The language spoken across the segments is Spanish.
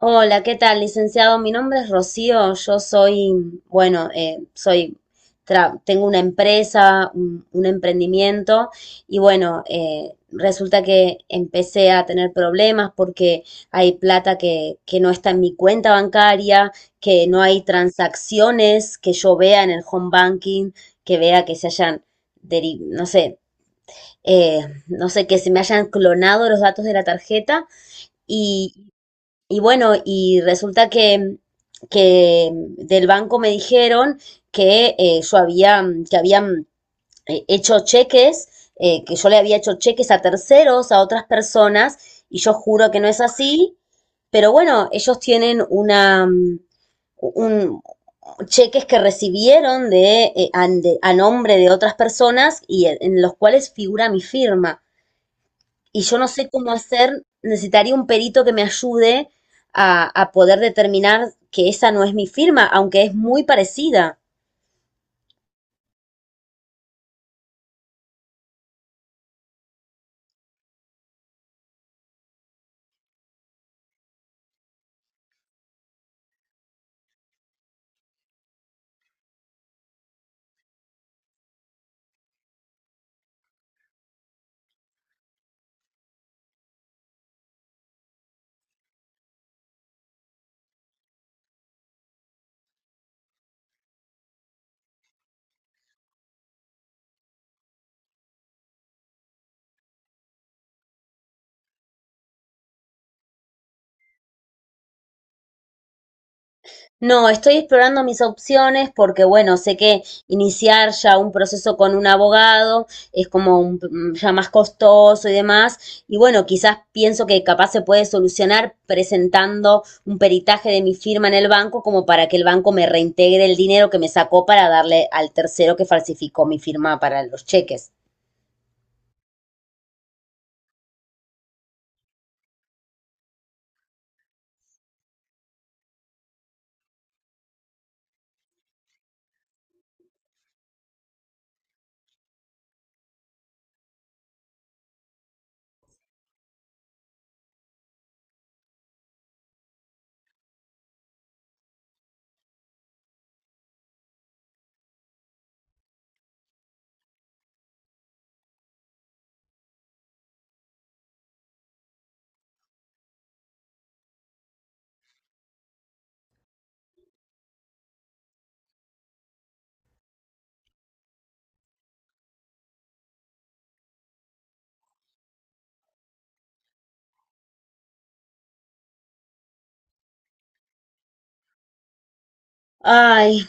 Hola, ¿qué tal, licenciado? Mi nombre es Rocío, yo soy, bueno, soy, tengo una empresa, un emprendimiento y bueno, resulta que empecé a tener problemas porque hay plata que no está en mi cuenta bancaria, que no hay transacciones que yo vea en el home banking, que vea que se hayan, no sé, eh, no sé, que se me hayan clonado los datos de la tarjeta. Y bueno, y resulta que del banco me dijeron que yo había, que habían hecho cheques, que yo le había hecho cheques a terceros, a otras personas, y yo juro que no es así, pero bueno, ellos tienen una, un, cheques que recibieron de, a nombre de otras personas y en los cuales figura mi firma y yo no sé cómo hacer, necesitaría un perito que me ayude a poder determinar que esa no es mi firma, aunque es muy parecida. No, estoy explorando mis opciones porque, bueno, sé que iniciar ya un proceso con un abogado es como ya más costoso y demás. Y bueno, quizás pienso que capaz se puede solucionar presentando un peritaje de mi firma en el banco como para que el banco me reintegre el dinero que me sacó para darle al tercero que falsificó mi firma para los cheques. Ay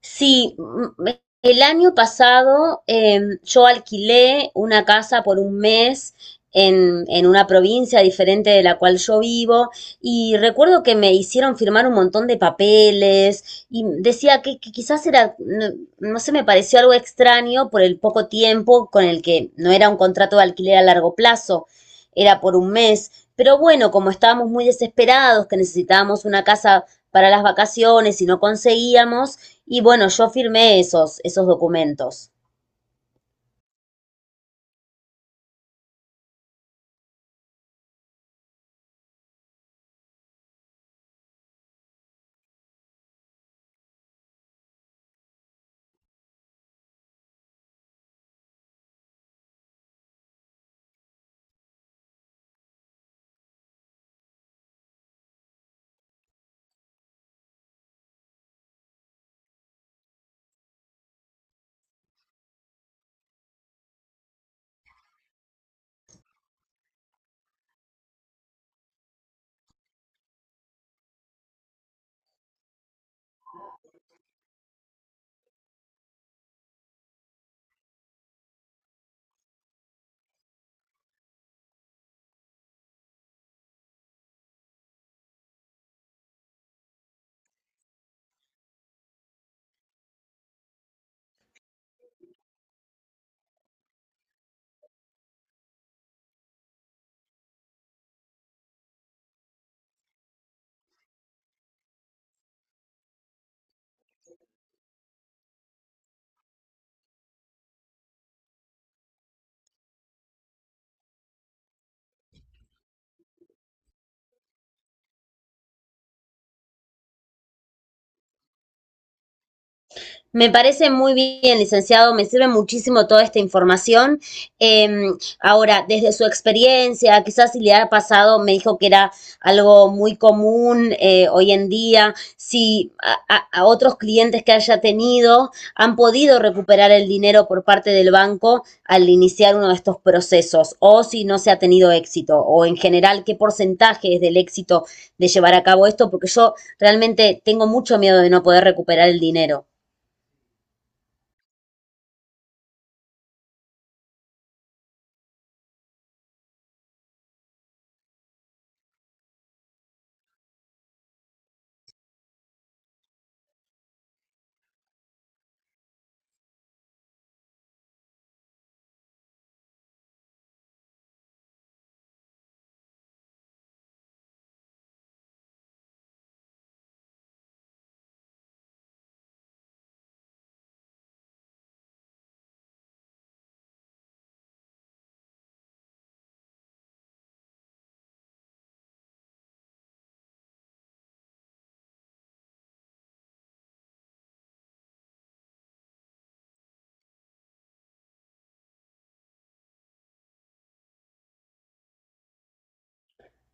Sí, mm, el año pasado yo alquilé una casa por un mes en una provincia diferente de la cual yo vivo y recuerdo que me hicieron firmar un montón de papeles y decía que quizás era, no, no sé, me pareció algo extraño por el poco tiempo con el que no era un contrato de alquiler a largo plazo, era por un mes. Pero bueno, como estábamos muy desesperados, que necesitábamos una casa para las vacaciones y no conseguíamos, y bueno, yo firmé esos documentos. Me parece muy bien, licenciado, me sirve muchísimo toda esta información. Eh, Ahora, desde su experiencia, quizás si le ha pasado, me dijo que era algo muy común hoy en día, si otros clientes que haya tenido han podido recuperar el dinero por parte del banco al iniciar uno de estos procesos, o si no se ha tenido éxito, o en general, qué porcentaje es del éxito de llevar a cabo esto, porque yo realmente tengo mucho miedo de no poder recuperar el dinero.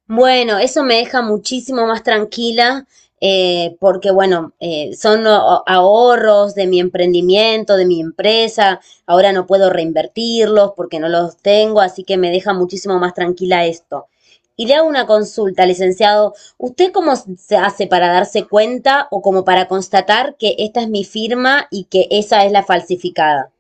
Bueno, eso me deja muchísimo más tranquila porque, bueno, son a- ahorros de mi emprendimiento, de mi empresa. Ahora no puedo reinvertirlos porque no los tengo, así que me deja muchísimo más tranquila esto. Y le hago una consulta, licenciado. ¿Usted cómo se hace para darse cuenta o como para constatar que esta es mi firma y que esa es la falsificada?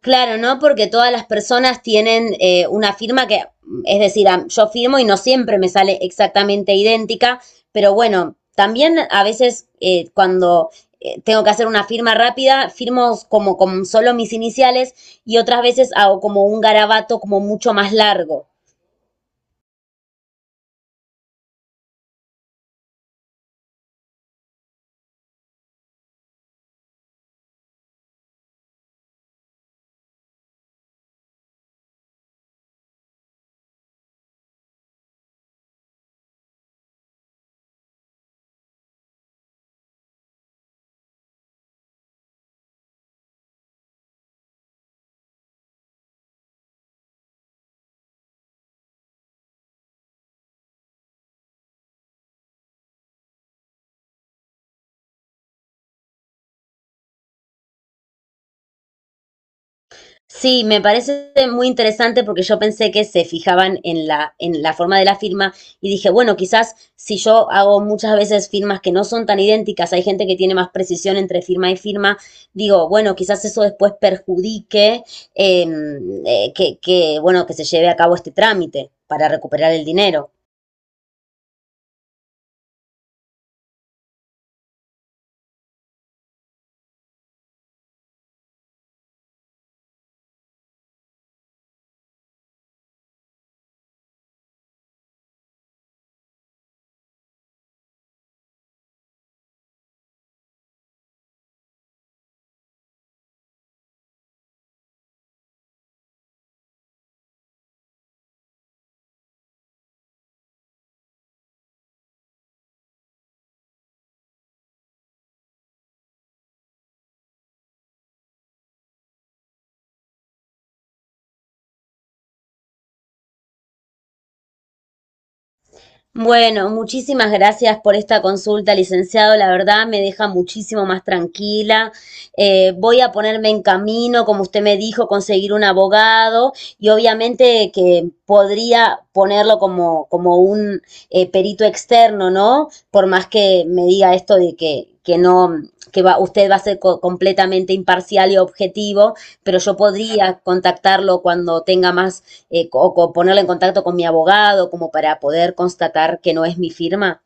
Claro, ¿no? Porque todas las personas tienen una firma es decir, yo firmo y no siempre me sale exactamente idéntica, pero bueno, también a veces cuando tengo que hacer una firma rápida, firmo como con solo mis iniciales y otras veces hago como un garabato como mucho más largo. Sí, me parece muy interesante porque yo pensé que se fijaban en en la forma de la firma y dije, bueno, quizás si yo hago muchas veces firmas que no son tan idénticas, hay gente que tiene más precisión entre firma y firma, digo, bueno, quizás eso después perjudique eh, que, bueno, que se lleve a cabo este trámite para recuperar el dinero. Bueno, muchísimas gracias por esta consulta, licenciado. La verdad me deja muchísimo más tranquila. Voy a ponerme en camino, como usted me dijo, conseguir un abogado y obviamente que podría ponerlo como un perito externo, ¿no? Por más que me diga esto de que no, que va, usted va a ser completamente imparcial y objetivo, pero yo podría contactarlo cuando tenga más o ponerla en contacto con mi abogado como para poder constatar que no es mi firma?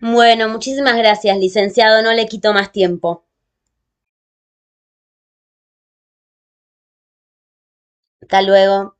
Bueno, muchísimas gracias, licenciado. No le quito más tiempo. Hasta luego.